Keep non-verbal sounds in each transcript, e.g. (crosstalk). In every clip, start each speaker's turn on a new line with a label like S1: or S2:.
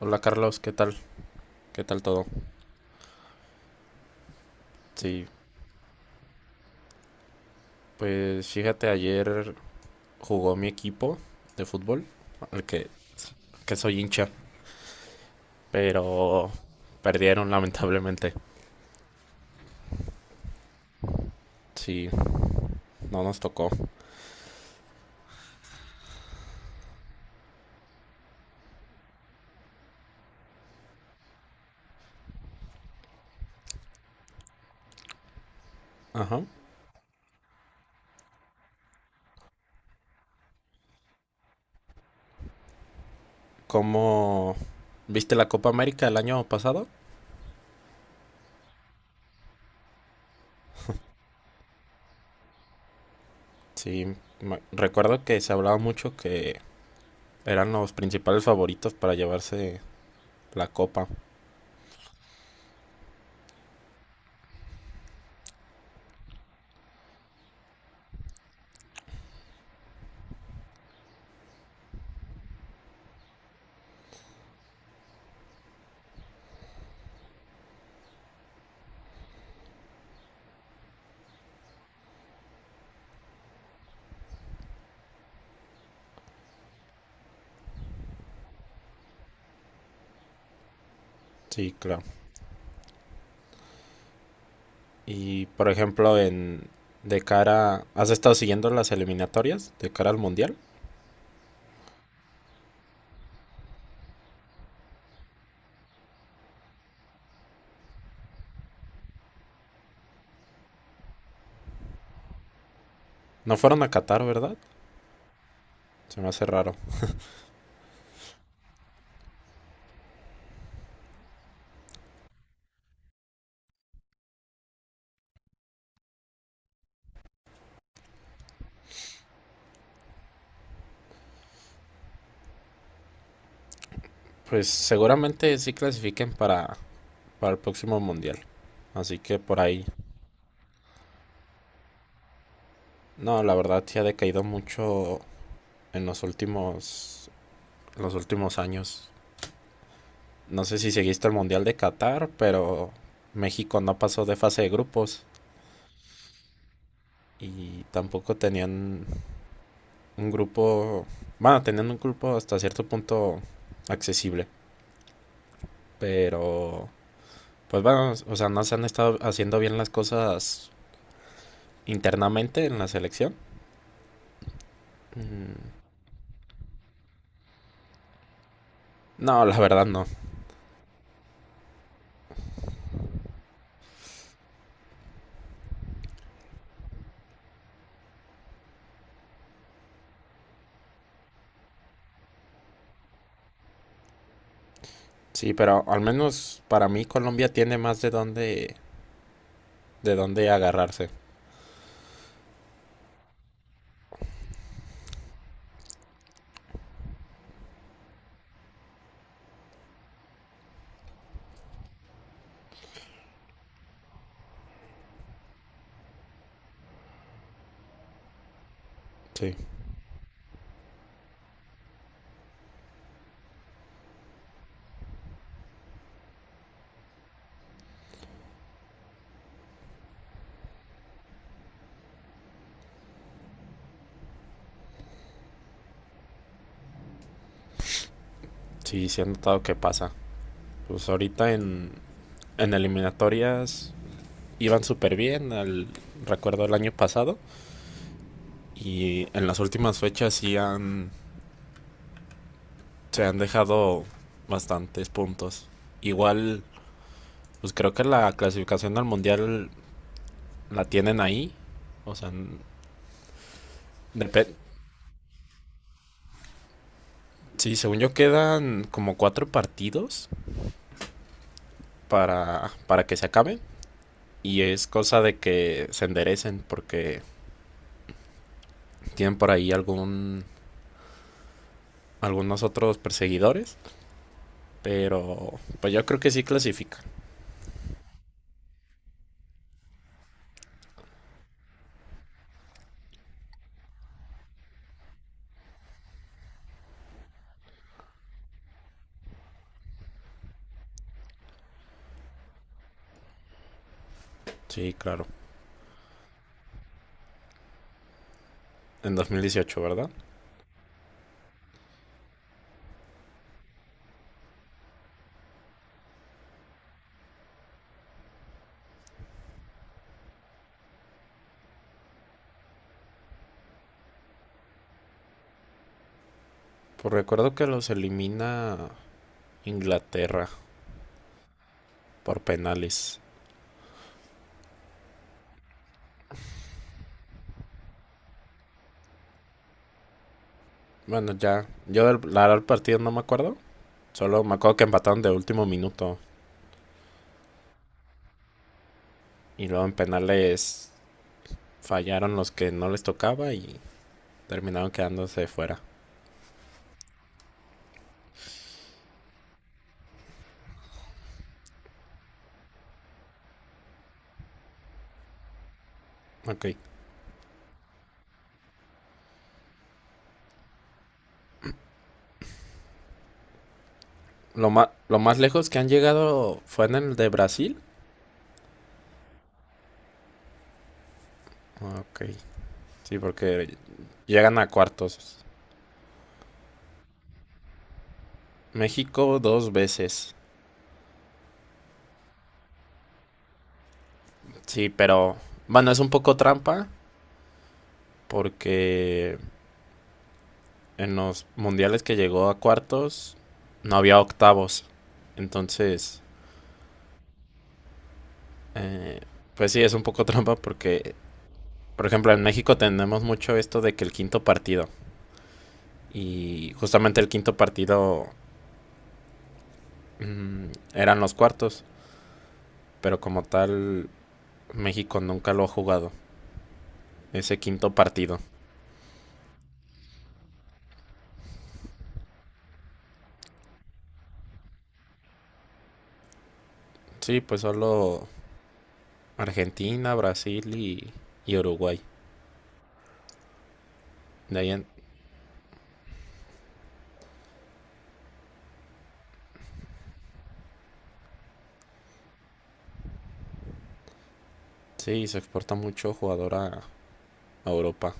S1: Hola Carlos, ¿qué tal? ¿Qué tal todo? Sí, pues fíjate, ayer jugó mi equipo de fútbol, al que, que soy hincha, pero perdieron lamentablemente. Sí, no nos tocó. Ajá. ¿Cómo viste la Copa América el año pasado? Sí, recuerdo que se hablaba mucho que eran los principales favoritos para llevarse la copa. Sí, claro. Y por ejemplo, en de cara, ¿has estado siguiendo las eliminatorias de cara al mundial? No fueron a Qatar, ¿verdad? Se me hace raro. Pues seguramente sí clasifiquen para el próximo mundial. Así que por ahí. No, la verdad sí ha decaído mucho en los últimos en los últimos años. No sé si seguiste el mundial de Qatar, pero México no pasó de fase de grupos y tampoco tenían un grupo, bueno, teniendo un grupo hasta cierto punto accesible, pero pues bueno, o sea, no se han estado haciendo bien las cosas internamente en la selección. Mm, No, la verdad no. Sí, pero al menos para mí Colombia tiene más de dónde agarrarse. Sí. Sí, sí he notado que pasa. Pues ahorita en eliminatorias iban súper bien, al recuerdo el año pasado y en las últimas fechas sí han se han dejado bastantes puntos. Igual, pues creo que la clasificación al mundial la tienen ahí. O sea, depende. Sí, según yo quedan como cuatro partidos para que se acaben. Y es cosa de que se enderecen porque tienen por ahí algunos otros perseguidores. Pero pues yo creo que sí clasifican. Sí, claro. En 2018, ¿verdad? Pues recuerdo que los elimina Inglaterra por penales. Bueno, ya. La verdad, el partido no me acuerdo. Solo me acuerdo que empataron de último minuto. Y luego en penales fallaron los que no les tocaba y terminaron quedándose fuera. Ok. Lo más lejos que han llegado fue en el de Brasil. Ok. Sí, porque llegan a cuartos. México dos veces. Sí, pero bueno, es un poco trampa porque en los mundiales que llegó a cuartos no había octavos. Entonces, eh, pues sí, es un poco (laughs) trampa porque, por ejemplo, en México tenemos mucho esto de que el quinto partido, y justamente el quinto partido mm, eran los cuartos, pero como tal México nunca lo ha jugado, ese quinto partido. Sí, pues solo Argentina, Brasil y Uruguay. De ahí en- sí, se exporta mucho jugador a Europa.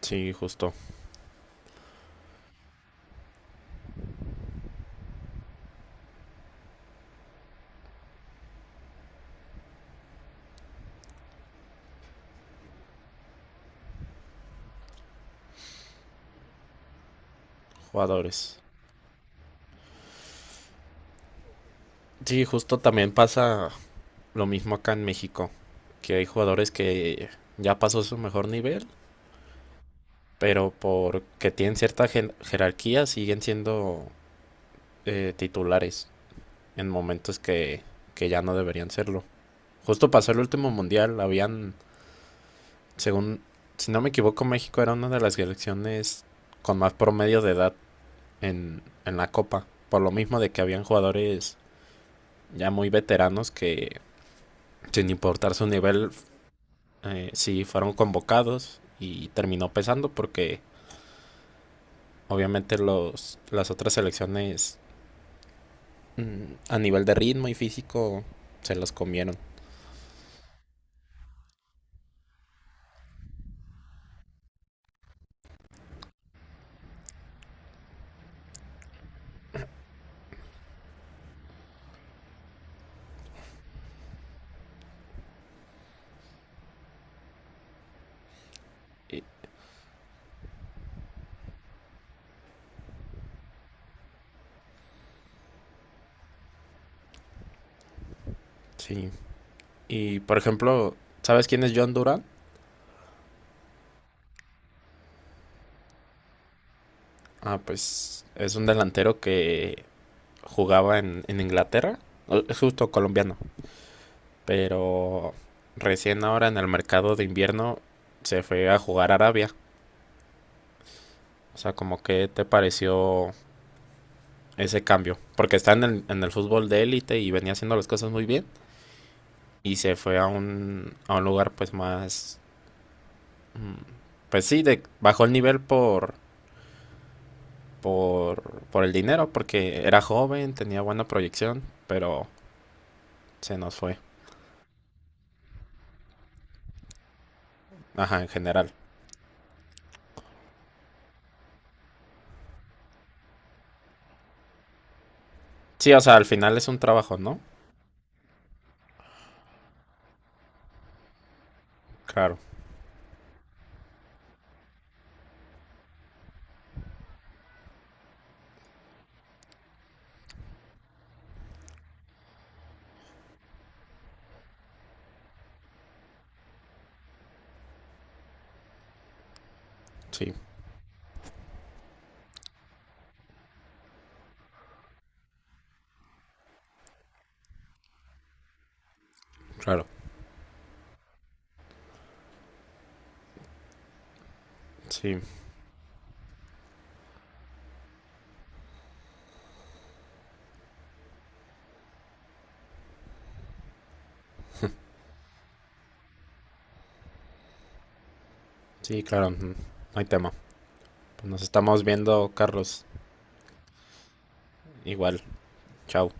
S1: Sí, justo. Jugadores. Sí, justo también pasa lo mismo acá en México, que hay jugadores que ya pasó su mejor nivel, pero porque tienen cierta jerarquía siguen siendo titulares en momentos que ya no deberían serlo. Justo pasó el último mundial, habían, según, si no me equivoco, México era una de las selecciones con más promedio de edad en la Copa, por lo mismo de que habían jugadores ya muy veteranos que sin importar su nivel sí fueron convocados y terminó pesando porque obviamente las otras selecciones a nivel de ritmo y físico se las comieron. Y- sí. Y por ejemplo, ¿sabes quién es John Duran? Ah, pues es un delantero que jugaba en Inglaterra. Es justo colombiano. Pero recién ahora en el mercado de invierno se fue a jugar a Arabia. O sea, como que te pareció ese cambio, porque está en el fútbol de élite y venía haciendo las cosas muy bien y se fue a a un lugar pues más, mm, pues sí, bajó el nivel por el dinero, porque era joven, tenía buena proyección, pero se nos fue, ajá, en general. Sí, o sea, al final es un trabajo, ¿no? Claro, sí, claro, sí, sí, claro, mm, no hay tema. Pues nos estamos viendo, Carlos, igual, chao.